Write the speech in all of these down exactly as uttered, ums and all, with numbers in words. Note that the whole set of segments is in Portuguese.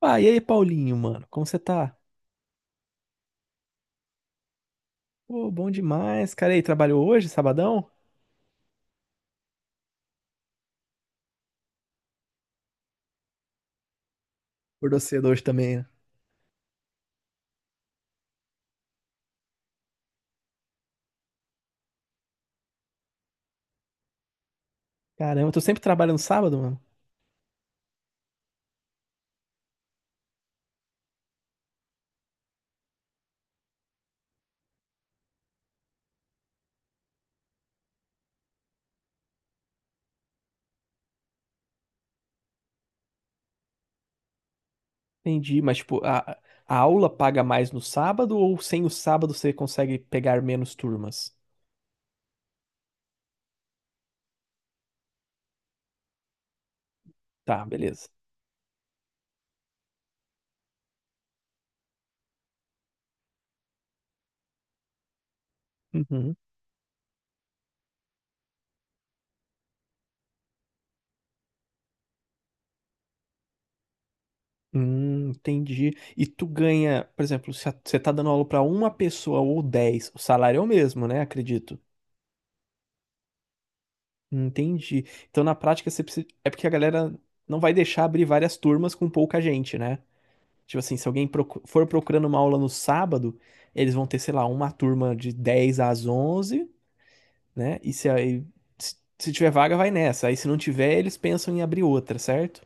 Ah, e aí, Paulinho, mano? Como você tá? Pô, bom demais, cara. E aí, trabalhou hoje, sabadão? Acordou cedo hoje também, né? Caramba, eu tô sempre trabalhando sábado, mano. Entendi, mas tipo, a, a aula paga mais no sábado ou sem o sábado você consegue pegar menos turmas? Tá, beleza. Uhum. Hum, entendi. E tu ganha, por exemplo, se a- você tá dando aula pra uma pessoa ou dez, o salário é o mesmo, né? Acredito. Entendi. Então, na prática, você precisa, é porque a galera não vai deixar abrir várias turmas com pouca gente, né? Tipo assim, se alguém procu- for procurando uma aula no sábado, eles vão ter, sei lá, uma turma de dez às onze, né? E se aí se se tiver vaga, vai nessa. Aí se não tiver, eles pensam em abrir outra, certo?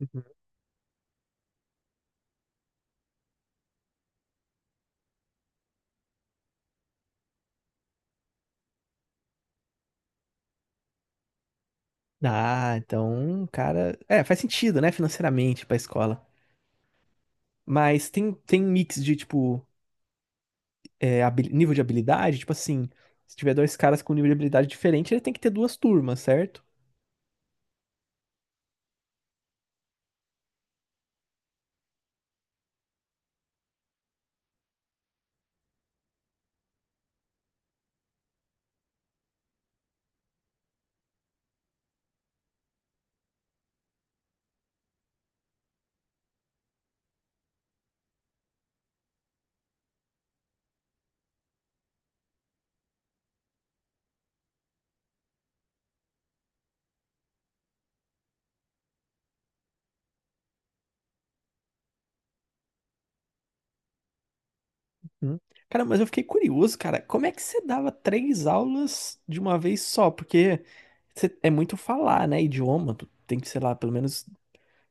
Uhum. Ah, então, cara, é, faz sentido, né, financeiramente pra escola. Mas tem tem mix de tipo, é, habi- nível de habilidade, tipo assim, se tiver dois caras com um nível de habilidade diferente, ele tem que ter duas turmas, certo? Hum. Cara, mas eu fiquei curioso, cara, como é que você dava três aulas de uma vez só? Porque você- é muito falar, né? Idioma, tu tem que, sei lá, pelo menos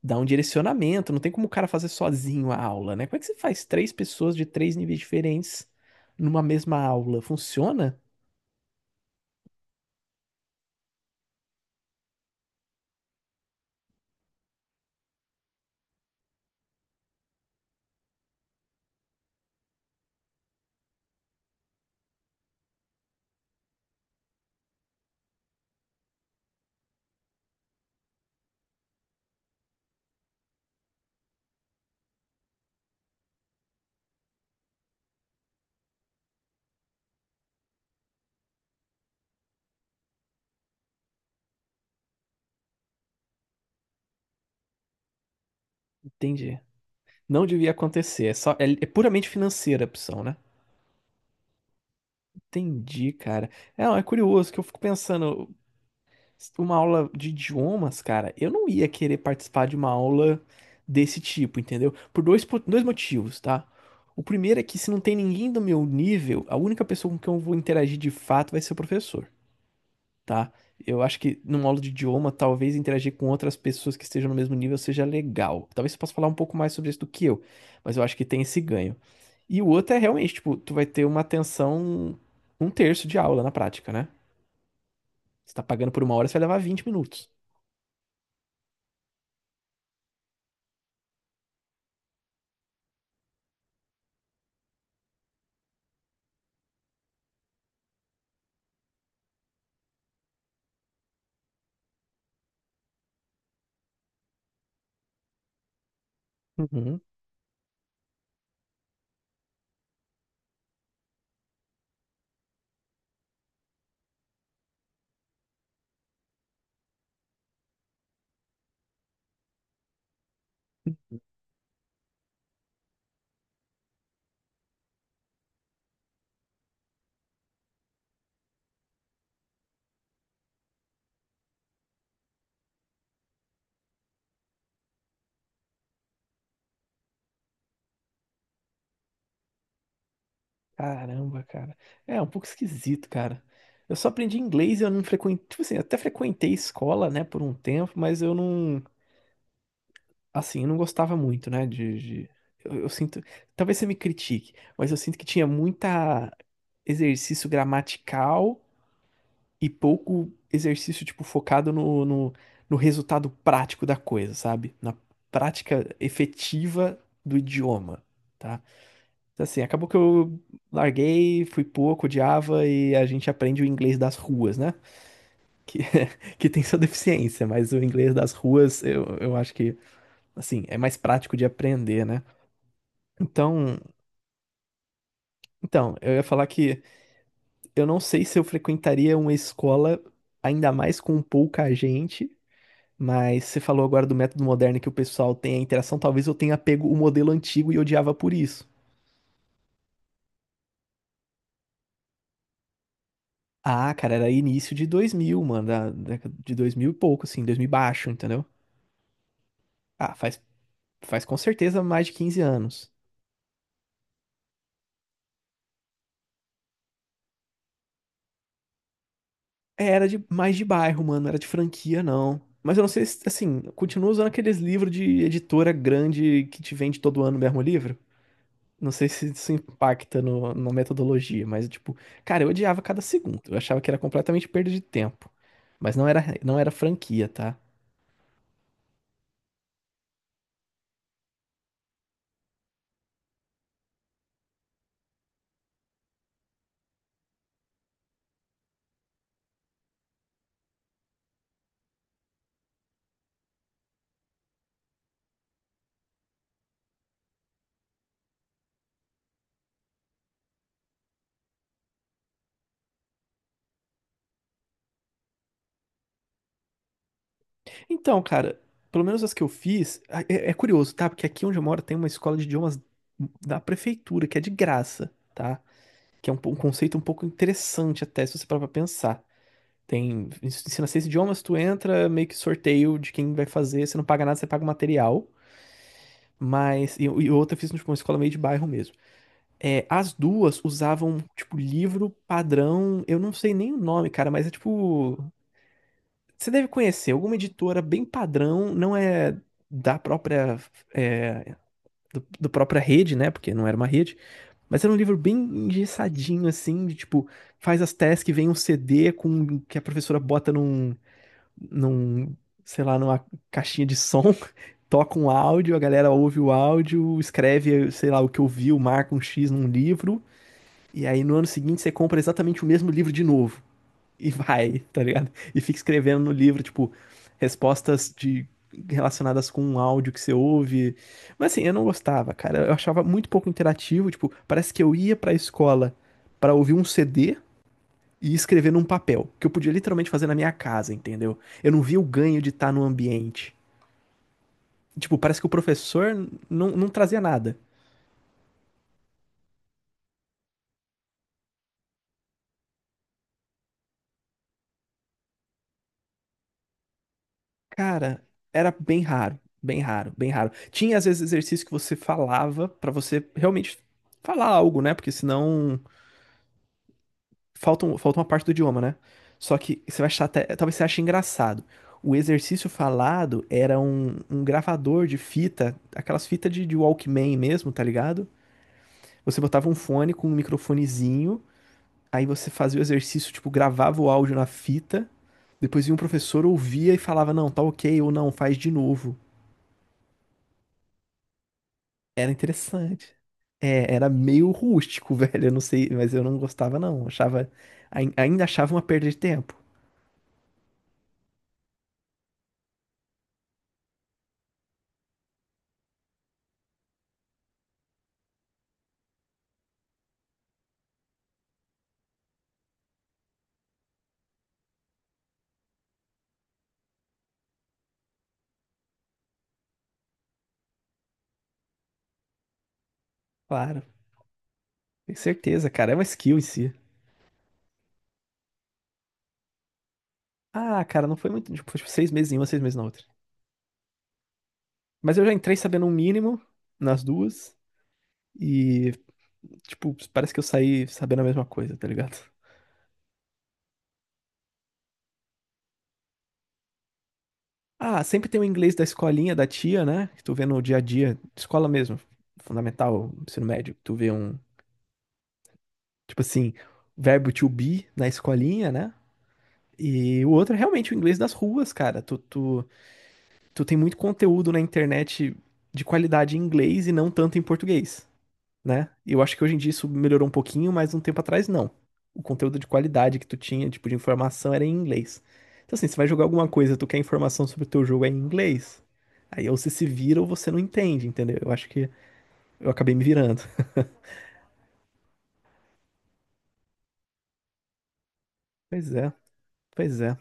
dá um direcionamento, não tem como o cara fazer sozinho a aula, né? Como é que você faz três pessoas de três níveis diferentes numa mesma aula? Funciona? Entendi. Não devia acontecer, é só é, é puramente financeira a opção, né? Entendi, cara. É, não, é curioso que eu fico pensando, uma aula de idiomas, cara, eu não ia querer participar de uma aula desse tipo, entendeu? Por dois, po- dois motivos, tá? O primeiro é que se não tem ninguém do meu nível, a única pessoa com quem eu vou interagir de fato vai ser o professor. Tá? Eu acho que numa aula de idioma, talvez interagir com outras pessoas que estejam no mesmo nível seja legal. Talvez você possa falar um pouco mais sobre isso do que eu, mas eu acho que tem esse ganho. E o outro é realmente, tipo, tu vai ter uma atenção um terço de aula na prática, né? Você tá pagando por uma hora, você vai levar vinte minutos. Uhum. Caramba, cara. É é um pouco esquisito, cara. Eu só aprendi inglês, eu não frequentei, tipo assim, até frequentei escola, né, por um tempo, mas eu não, assim, eu não gostava muito, né? De, de- eu, eu sinto. Talvez você me critique, mas eu sinto que tinha muita exercício gramatical e pouco exercício, tipo, focado no, no, no resultado prático da coisa, sabe? Na prática efetiva do idioma. Tá? Então, assim, acabou que eu larguei, fui pouco, odiava e a gente aprende o inglês das ruas, né? Que, que tem sua deficiência, mas o inglês das ruas eu, eu acho que, assim, é mais prático de aprender, né? Então, então, eu ia falar que eu não sei se eu frequentaria uma escola ainda mais com pouca gente, mas você falou agora do método moderno que o pessoal tem a interação, talvez eu tenha pego o modelo antigo e odiava por isso. Ah, cara, era início de dois mil, mano, da década de dois mil e pouco, assim, dois mil e baixo, entendeu? Ah, faz, faz com certeza mais de quinze anos. É, era de mais de bairro, mano, era de franquia, não. Mas eu não sei se, assim, continua usando aqueles livros de editora grande que te vende todo ano o mesmo livro? Não sei se isso impacta no, na metodologia, mas tipo, cara, eu odiava cada segundo. Eu achava que era completamente perda de tempo. Mas não era, não era franquia, tá? Então, cara, pelo menos as que eu fiz, a- é, é curioso, tá? Porque aqui onde eu moro tem uma escola de idiomas da prefeitura, que é de graça, tá? Que é um, po- um conceito um pouco interessante até, se você parar pra pensar. Tem, ensina seis idiomas, tu entra, meio que sorteio de quem vai fazer, você não paga nada, você paga o material. Mas, e, e outra eu fiz tipo, uma escola meio de bairro mesmo. É, as duas usavam, tipo, livro padrão, eu não sei nem o nome, cara, mas é tipo. Você deve conhecer, alguma editora bem padrão, não é da própria. É, do, do própria rede, né? Porque não era uma rede. Mas era um livro bem engessadinho, assim, de tipo, faz as tasks, vem um C D com que a professora bota num. num, sei lá, numa caixinha de som. Toca um áudio, a galera ouve o áudio, escreve, sei lá, o que ouviu, marca um X num livro e aí no ano seguinte você compra exatamente o mesmo livro de novo. E vai, tá ligado? E fica escrevendo no livro, tipo, respostas de relacionadas com um áudio que você ouve. Mas assim, eu não gostava, cara. Eu achava muito pouco interativo, tipo, parece que eu ia pra escola pra ouvir um C D e escrever num papel, que eu podia literalmente fazer na minha casa, entendeu? Eu não via o ganho de estar no ambiente. Tipo, parece que o professor não, não trazia nada. Cara, era bem raro, bem raro, bem raro. Tinha às vezes exercício que você falava pra você realmente falar algo, né? Porque senão falta, um- falta uma parte do idioma, né? Só que você vai achar até, talvez você ache engraçado. O exercício falado era um, um gravador de fita, aquelas fitas de, de Walkman mesmo, tá ligado? Você botava um fone com um microfonezinho, aí você fazia o exercício, tipo, gravava o áudio na fita, depois vinha um professor, ouvia e falava, não, tá ok, ou não, faz de novo. Era interessante. É, era meio rústico, velho. Eu não sei, mas eu não gostava, não. Achava, ain- ainda achava uma perda de tempo. Claro, tenho certeza, cara. É uma skill em si. Ah, cara, não foi muito. Tipo, foi, tipo, seis meses em uma, seis meses na outra. Mas eu já entrei sabendo um mínimo nas duas. E, tipo, parece que eu saí sabendo a mesma coisa, tá ligado? Ah, sempre tem o inglês da escolinha da tia, né? Que tu vê no dia a dia, escola mesmo, fundamental, ensino médio. Tu vê um, tipo assim, verbo to be na escolinha, né? E o outro é realmente o inglês das ruas, cara. Tu, tu, tu tem muito conteúdo na internet de qualidade em inglês e não tanto em português, né? E eu acho que hoje em dia isso melhorou um pouquinho, mas um tempo atrás não. O conteúdo de qualidade que tu tinha, tipo, de informação era em inglês. Então, assim, você vai jogar alguma coisa, tu quer informação sobre o teu jogo é em inglês. Aí ou você se vira ou você não entende, entendeu? Eu acho que eu acabei me virando. Pois é, pois é.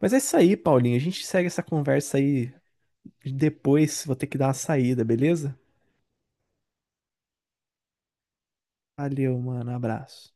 Mas é isso aí, Paulinho. A gente segue essa conversa aí depois. Vou ter que dar uma saída, beleza? Valeu, mano. Abraço.